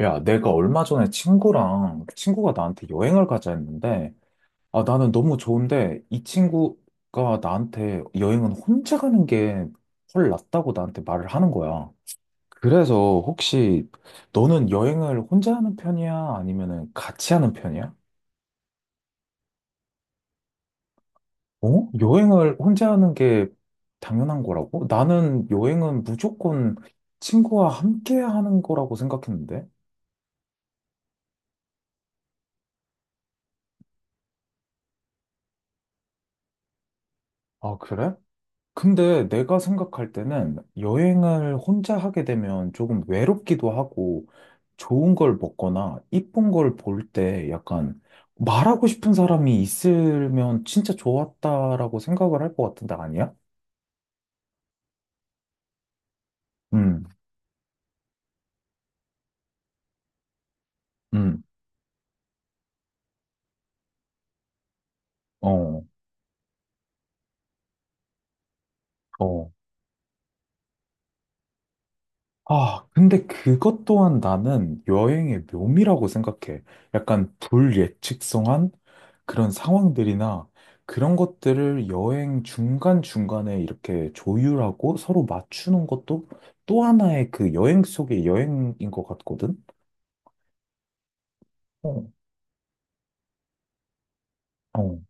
야, 내가 얼마 전에 친구가 나한테 여행을 가자 했는데, 아, 나는 너무 좋은데, 이 친구가 나한테 여행은 혼자 가는 게 훨 낫다고 나한테 말을 하는 거야. 그래서 혹시 너는 여행을 혼자 하는 편이야? 아니면은 같이 하는 편이야? 어? 여행을 혼자 하는 게 당연한 거라고? 나는 여행은 무조건 친구와 함께 하는 거라고 생각했는데. 아, 그래? 근데 내가 생각할 때는 여행을 혼자 하게 되면 조금 외롭기도 하고 좋은 걸 먹거나 이쁜 걸 볼 때 약간 말하고 싶은 사람이 있으면 진짜 좋았다라고 생각을 할 것 같은데 아니야? 음, 음, 어, 어. 아, 근데 그것 또한 나는 여행의 묘미라고 생각해. 약간 불예측성한 그런 상황들이나 그런 것들을 여행 중간중간에 이렇게 조율하고 서로 맞추는 것도 또 하나의 그 여행 속의 여행인 것 같거든? 어. 어.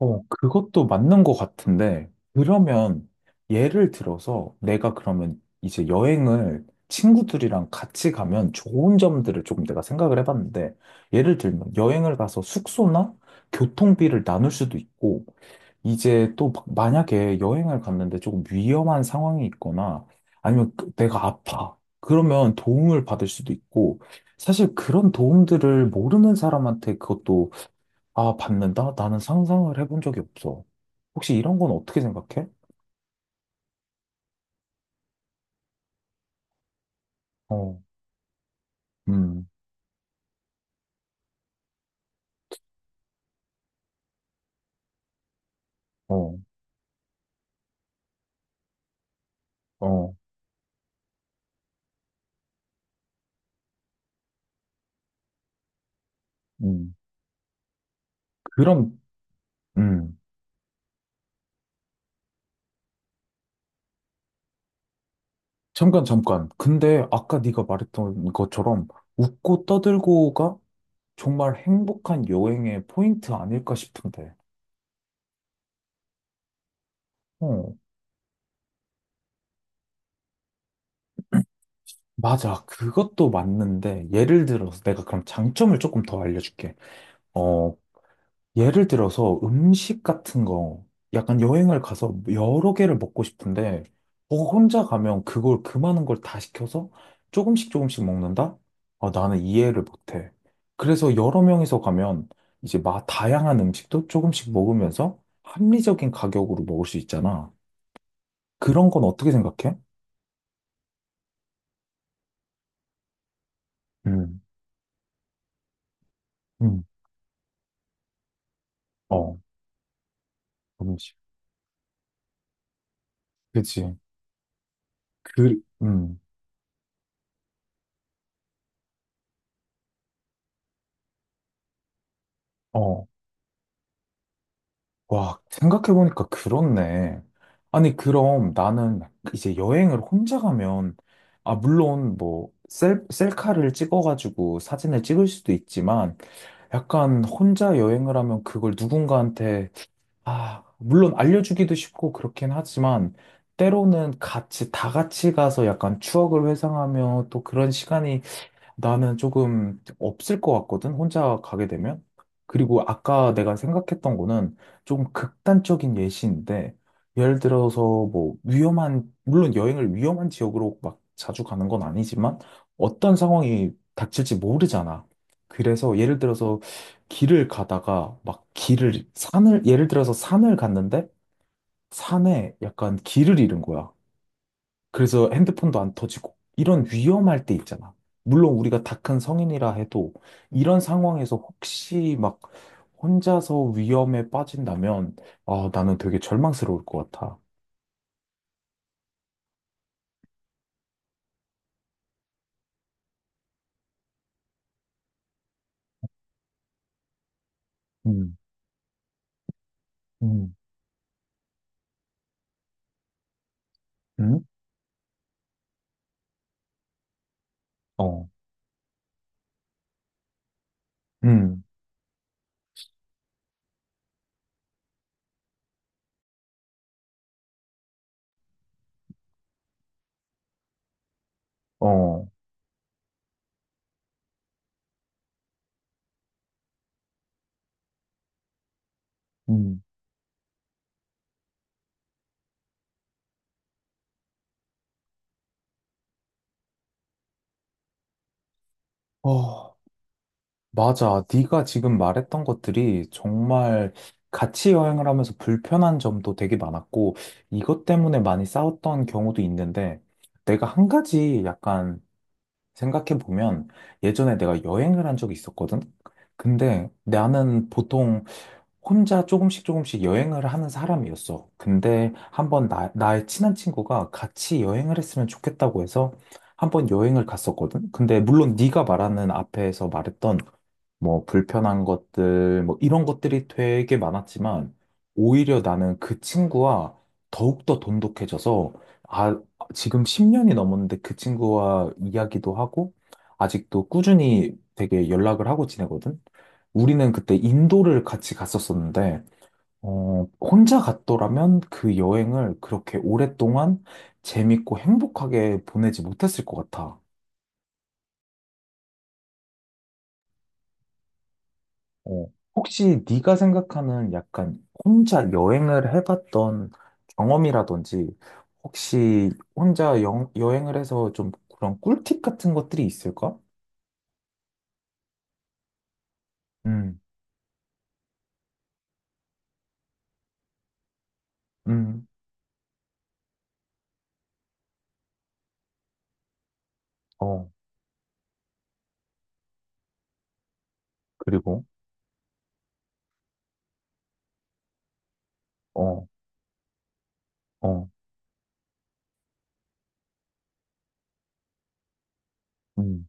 어, 그것도 맞는 것 같은데, 그러면 예를 들어서 내가 그러면 이제 여행을 친구들이랑 같이 가면 좋은 점들을 조금 내가 생각을 해봤는데, 예를 들면 여행을 가서 숙소나 교통비를 나눌 수도 있고, 이제 또 만약에 여행을 갔는데 조금 위험한 상황이 있거나 아니면 내가 아파. 그러면 도움을 받을 수도 있고 사실 그런 도움들을 모르는 사람한테 그것도 아, 받는다? 나는 상상을 해본 적이 없어. 혹시 이런 건 어떻게 생각해? 어, 음, 어, 어, 음. 그럼, 음. 잠깐, 잠깐. 근데 아까 네가 말했던 것처럼 웃고 떠들고가 정말 행복한 여행의 포인트 아닐까 싶은데. 어, 맞아. 그것도 맞는데 예를 들어서 내가 그럼 장점을 조금 더 알려줄게. 어, 예를 들어서 음식 같은 거, 약간 여행을 가서 여러 개를 먹고 싶은데, 어, 혼자 가면 그걸 그 많은 걸 다 시켜서 조금씩 조금씩 먹는다? 아, 나는 이해를 못해. 그래서 여러 명이서 가면 이제 막 다양한 음식도 조금씩 먹으면서 합리적인 가격으로 먹을 수 있잖아. 그런 건 어떻게 생각해? 음, 음, 어, 음식. 그치. 그, 어, 와, 생각해보니까 그렇네. 아니, 그럼 나는 이제 여행을 혼자 가면, 아, 물론 뭐, 셀카를 찍어가지고 사진을 찍을 수도 있지만, 약간 혼자 여행을 하면 그걸 누군가한테, 아, 물론 알려주기도 쉽고 그렇긴 하지만, 때로는 같이, 다 같이 가서 약간 추억을 회상하며 또 그런 시간이 나는 조금 없을 것 같거든, 혼자 가게 되면. 그리고 아까 내가 생각했던 거는 조금 극단적인 예시인데, 예를 들어서 뭐 위험한, 물론 여행을 위험한 지역으로 막 자주 가는 건 아니지만, 어떤 상황이 닥칠지 모르잖아. 그래서 예를 들어서 길을 가다가 막 길을, 산을, 예를 들어서 산을 갔는데, 산에 약간 길을 잃은 거야. 그래서 핸드폰도 안 터지고 이런 위험할 때 있잖아. 물론 우리가 다 큰 성인이라 해도 이런 상황에서 혹시 막 혼자서 위험에 빠진다면 아, 나는 되게 절망스러울 것 같아. 음, 음, 응? 어, 음, 어, 음, 어, 맞아. 네가 지금 말했던 것들이 정말 같이 여행을 하면서 불편한 점도 되게 많았고 이것 때문에 많이 싸웠던 경우도 있는데 내가 한 가지 약간 생각해보면 예전에 내가 여행을 한 적이 있었거든? 근데 나는 보통 혼자 조금씩 조금씩 여행을 하는 사람이었어. 근데 한번 나의 친한 친구가 같이 여행을 했으면 좋겠다고 해서 한번 여행을 갔었거든? 근데 물론 네가 말하는 앞에서 말했던 뭐 불편한 것들, 뭐 이런 것들이 되게 많았지만 오히려 나는 그 친구와 더욱더 돈독해져서 아, 지금 10년이 넘었는데 그 친구와 이야기도 하고 아직도 꾸준히 되게 연락을 하고 지내거든. 우리는 그때 인도를 같이 갔었었는데 어, 혼자 갔더라면 그 여행을 그렇게 오랫동안 재밌고 행복하게 보내지 못했을 것 같아. 어, 혹시 네가 생각하는 약간 혼자 여행을 해봤던 경험이라든지 혹시 혼자 여행을 해서 좀 그런 꿀팁 같은 것들이 있을까? 음, 음, 어, 그리고, 어, 어, 음,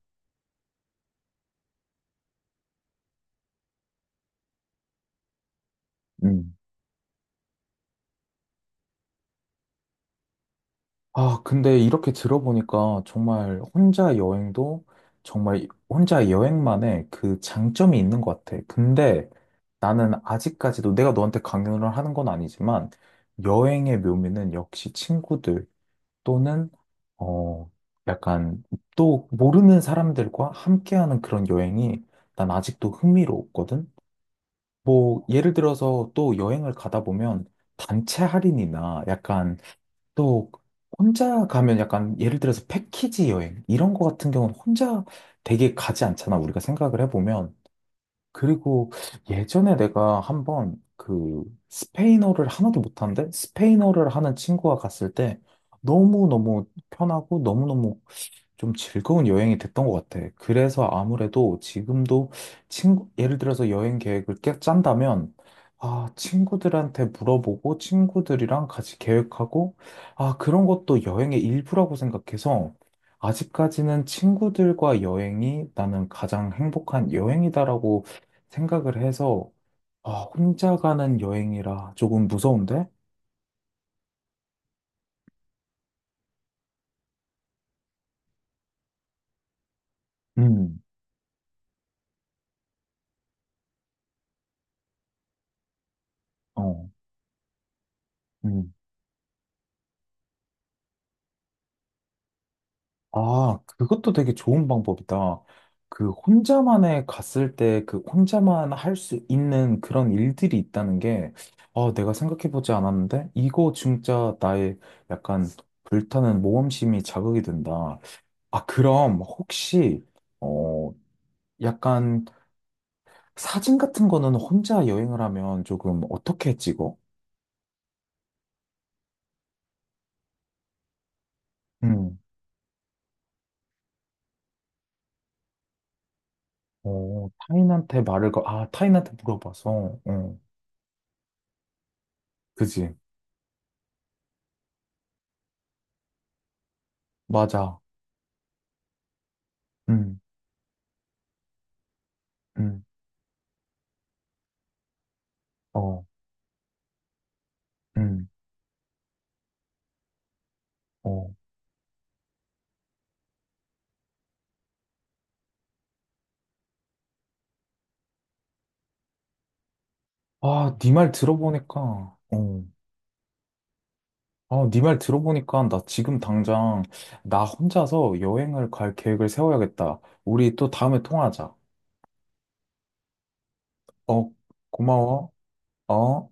음. 아, 근데 이렇게 들어보니까 정말 혼자 여행도 정말 혼자 여행만의 그 장점이 있는 것 같아. 근데 나는 아직까지도 내가 너한테 강요를 하는 건 아니지만 여행의 묘미는 역시 친구들 또는 어, 약간 또 모르는 사람들과 함께하는 그런 여행이 난 아직도 흥미로웠거든. 뭐 예를 들어서 또 여행을 가다 보면 단체 할인이나 약간 또 혼자 가면 약간 예를 들어서 패키지 여행 이런 거 같은 경우는 혼자 되게 가지 않잖아 우리가 생각을 해보면 그리고 예전에 내가 한번 그 스페인어를 하나도 못하는데 스페인어를 하는 친구가 갔을 때 너무너무 편하고 너무너무 좀 즐거운 여행이 됐던 것 같아. 그래서 아무래도 지금도 친구, 예를 들어서 여행 계획을 짠다면, 아, 친구들한테 물어보고, 친구들이랑 같이 계획하고, 아, 그런 것도 여행의 일부라고 생각해서, 아직까지는 친구들과 여행이 나는 가장 행복한 여행이다라고 생각을 해서, 아, 혼자 가는 여행이라 조금 무서운데? 음, 어, 음. 아, 그것도 되게 좋은 방법이다. 그 혼자만의 갔을 때 그 혼자만 할 수 있는 그런 일들이 있다는 게, 아, 내가 생각해보지 않았는데? 이거 진짜 나의 약간 불타는 모험심이 자극이 된다. 아, 그럼 혹시, 어, 약간 사진 같은 거는 혼자 여행을 하면 조금 어떻게 찍어? 음, 어, 타인한테 아, 타인한테 물어봐서, 응. 그지. 맞아. 응. 응. 어. 음, 어. 아, 네 말 들어보니까, 어. 아, 네 말 들어보니까 나 지금 당장 나 혼자서 여행을 갈 계획을 세워야겠다. 우리 또 다음에 통화하자. 어, 고마워. 어.